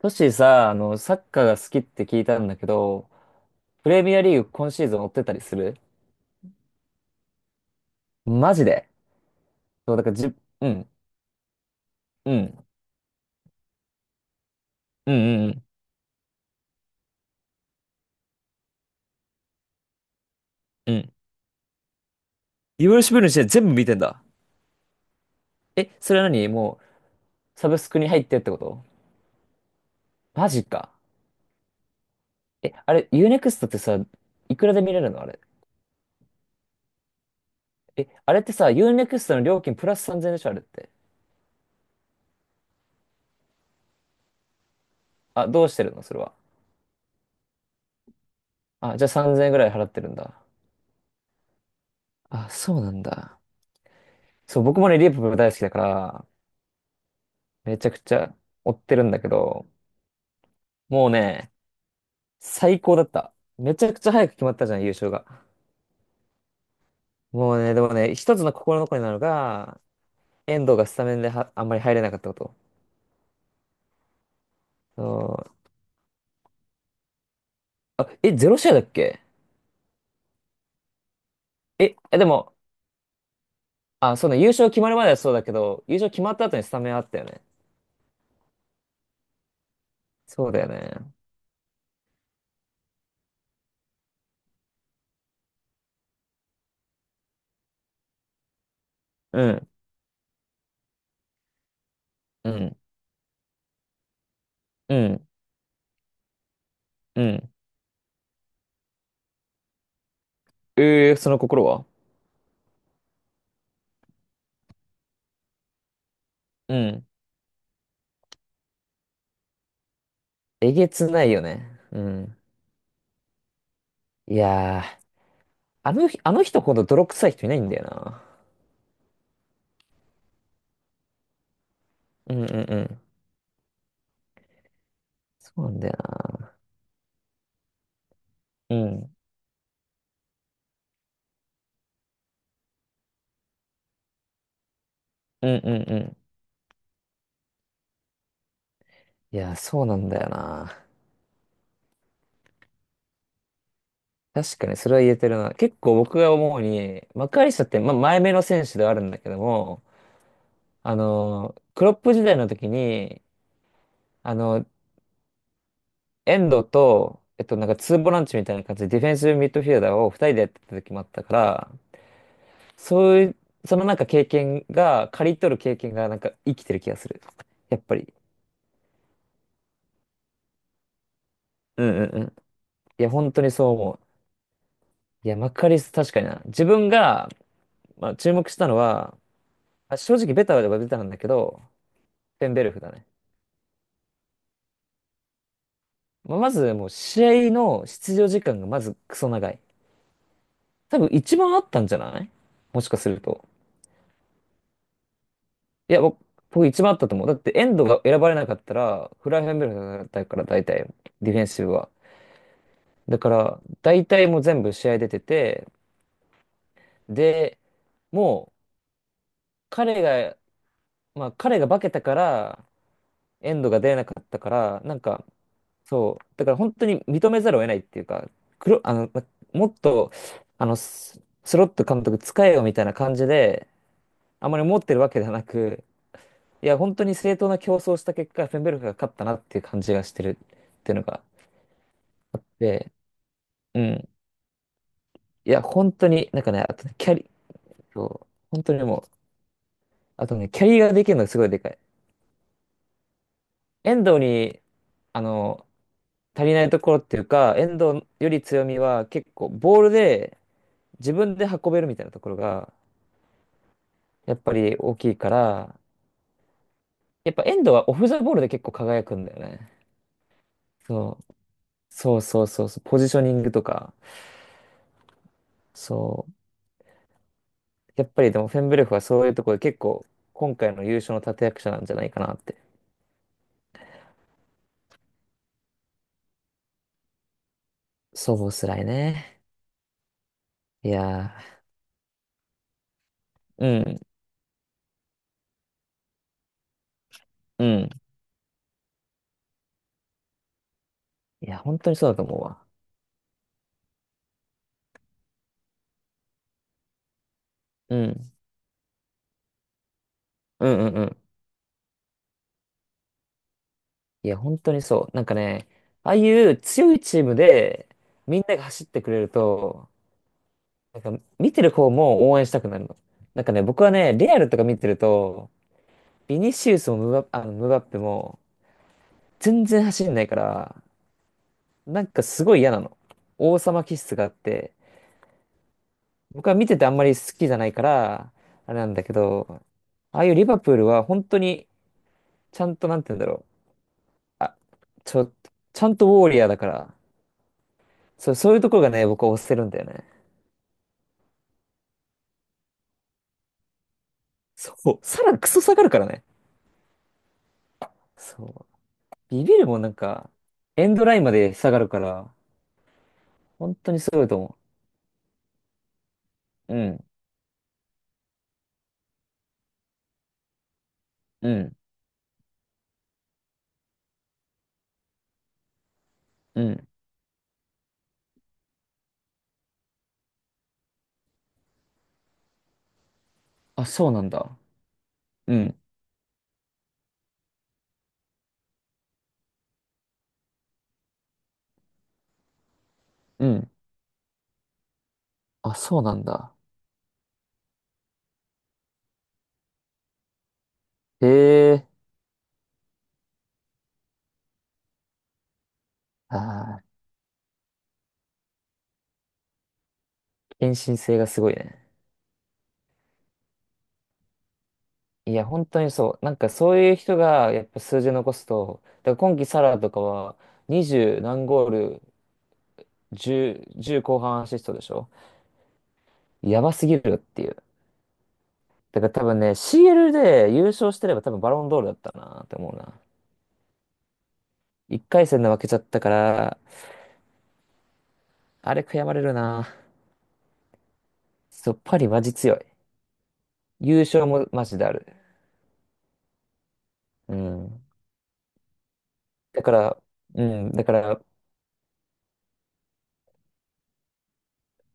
トシさ、サッカーが好きって聞いたんだけど、プレミアリーグ今シーズン追ってたりする？マジで？そう、だからじ、うん、うん、うん、うん、うん。いろロシブルの試合全部見てんだ。え、それはう、サブスクに入ってってこと？マジか。え、あれ、ユーネクストってさ、いくらで見れるのあれ。え、あれってさ、ユーネクストの料金プラス3000円でしょあれって。あ、どうしてるのそれは。あ、じゃあ3000円ぐらい払ってるんだ。あ、そうなんだ。そう、僕もね、リープ大好きだから、めちゃくちゃ追ってるんだけど、もうね、最高だった。めちゃくちゃ早く決まったじゃん、優勝が。もうね、でもね、一つの心残りなのが、遠藤がスタメンではあんまり入れなかったこと。そう、あ、え、ゼロ試合だっけ？え、えでも、あ、そうね、優勝決まるまではそうだけど、優勝決まった後にスタメンあったよね。そうだよね。うん、うん、うん、うん。えー、その心は？うん。えげつないよね。うん。いやー、あの日、あの人ほど泥臭い人いないんだよな。うんうんうん。そうなんだよな。うん。うんうんうん。いや、そうなんだよな。確かにそれは言えてるな。結構僕が思うに、マカリスタって、まあ、前目の選手ではあるんだけども、クロップ時代の時に、あの、遠藤と、なんかツーボランチみたいな感じでディフェンスミッドフィルダーを二人でやってた時もあったから、そういう、そのなんか経験が、刈り取る経験がなんか生きてる気がする。やっぱり。うんうんうん。いや、本当にそう思う。いや、マカリスタ確かにな。自分が、まあ、注目したのは、あ正直ベタはベタなんだけど、ペンベルフだね。まあ、まずもう試合の出場時間がまずクソ長い。多分一番あったんじゃない？もしかすると。いや、僕、僕一番あったと思う。だってエンドが選ばれなかったら、フライフェンベルフだったから、大体、ディフェンシブは。だから、大体もう全部試合出てて、で、もう彼が、まあ彼が化けたから、エンドが出なかったから、なんか、そう。だから本当に認めざるを得ないっていうか、黒、あの、まもっと、あの、ススロット監督使えよみたいな感じで、あまり思ってるわけではなく、いや、本当に正当な競争をした結果、フェンベルクが勝ったなっていう感じがしてるっていうのが、で、うん。いや、本当に、なんかね、あとね、キャリ、そう、本当にもう、あとね、キャリーができるのがすごいでかい。遠藤に、あの、足りないところっていうか、遠藤より強みは結構、ボールで自分で運べるみたいなところが、やっぱり大きいから、やっぱエンドはオフザボールで結構輝くんだよね。そう。そうそうそうそう。ポジショニングとか。そう。やっぱりでもフェンブレフはそういうところで結構今回の優勝の立役者なんじゃないかなって。そう、ボスライね。いやー、うん、うん。いや、本当にそうだと思うわ。うん、うん、うん、うん。いや、本当にそう。なんかね、ああいう強いチームでみんなが走ってくれると、なんか見てる方も応援したくなるの。なんかね、僕はね、レアルとか見てると、ビニシウスもムバ、あのムバッペも全然走んないから、なんかすごい嫌なの。王様気質があって、僕は見ててあんまり好きじゃないから、あれなんだけど、ああいうリバプールは本当にちゃんとなんて言うんだろう。あ、ちょ、ちゃんとウォーリアーだから、そう、そういうところがね、僕は押せるんだよね。そう、さら、クソ下がるからね。そう。ビビるもんなんか、エンドラインまで下がるから、本当にすごいと思う。うん、うん、うん。あ、そうなんだ。うん、うん。あ、そうなんだ。へえ。ああ、献身性がすごいね。いや、本当にそう。なんかそういう人がやっぱ数字残すと、だから今季サラとかは20何ゴール、10、じゅう後半アシストでしょ？やばすぎるっていう。だから多分ね、CL で優勝してれば多分バロンドールだったなって思うな。1回戦で負けちゃったから、あれ悔やまれるな。そう、パリマジ強い。優勝もマジである。うん。だから、うん、だから、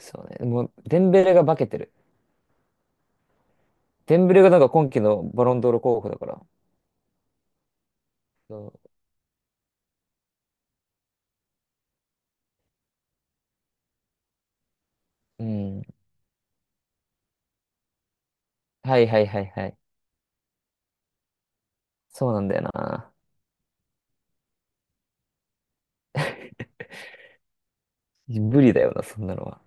そうね、もう、デンベレが化けてる。デンベレがなんか今季のバロンドール候補だから。そう、うん。はいはいはいはい。そうなんだよな。無理だよな、そんなのは。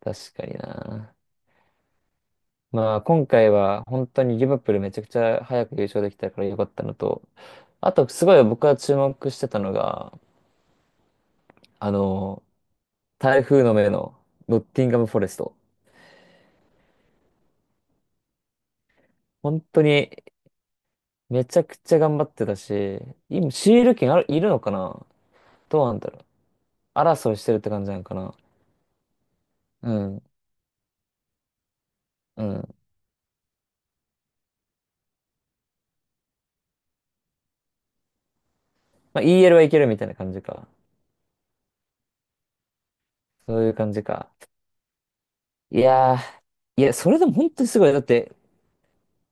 確かにな。まあ、今回は本当にリバプールめちゃくちゃ早く優勝できたからよかったのと、あと、すごい僕は注目してたのが、あの、台風の目のノッティンガム・フォレスト。本当にめちゃくちゃ頑張ってたし、今、シール権ある、いるのかな？どうなんだろう。争いしてるって感じなのかな？うん、うん。まあ、EL はいけるみたいな感じか。そういう感じか。いやー、いや、それでも本当にすごい。だって、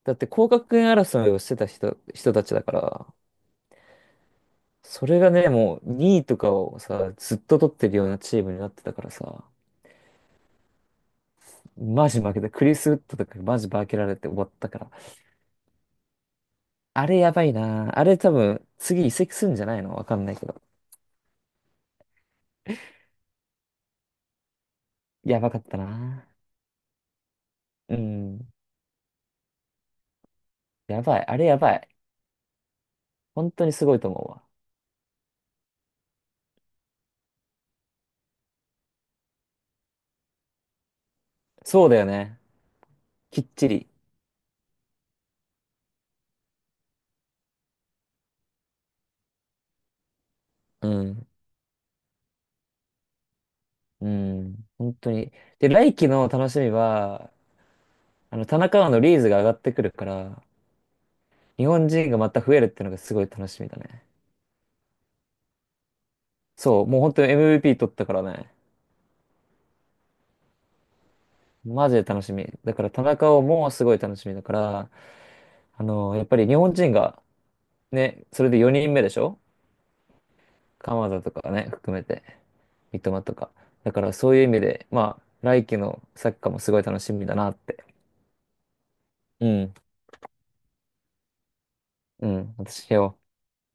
だって降格圏争いをしてた人たちだから、それがね、もう2位とかをさ、ずっと取ってるようなチームになってたからさ、マジ負けた。クリス・ウッドとかマジ負けられて終わったから。あれやばいな。あれ多分、次移籍するんじゃないの、わかんないけど。やばかったな。うん。やばい。あれやばい。本当にすごいと思うわ。そうだよね。きっちり。うん。うん。本当に。で、来季の楽しみは、田中碧のリーズが上がってくるから、日本人がまた増えるっていうのがすごい楽しみだね。そう、もう本当に MVP 取ったからね。マジで楽しみ。だから田中碧もすごい楽しみだから、やっぱり日本人がね、それで4人目でしょ？鎌田とかね、含めて、三笘とか。だからそういう意味で、まあ、来季のサッカーもすごい楽しみだなって。うん、うん、私よ。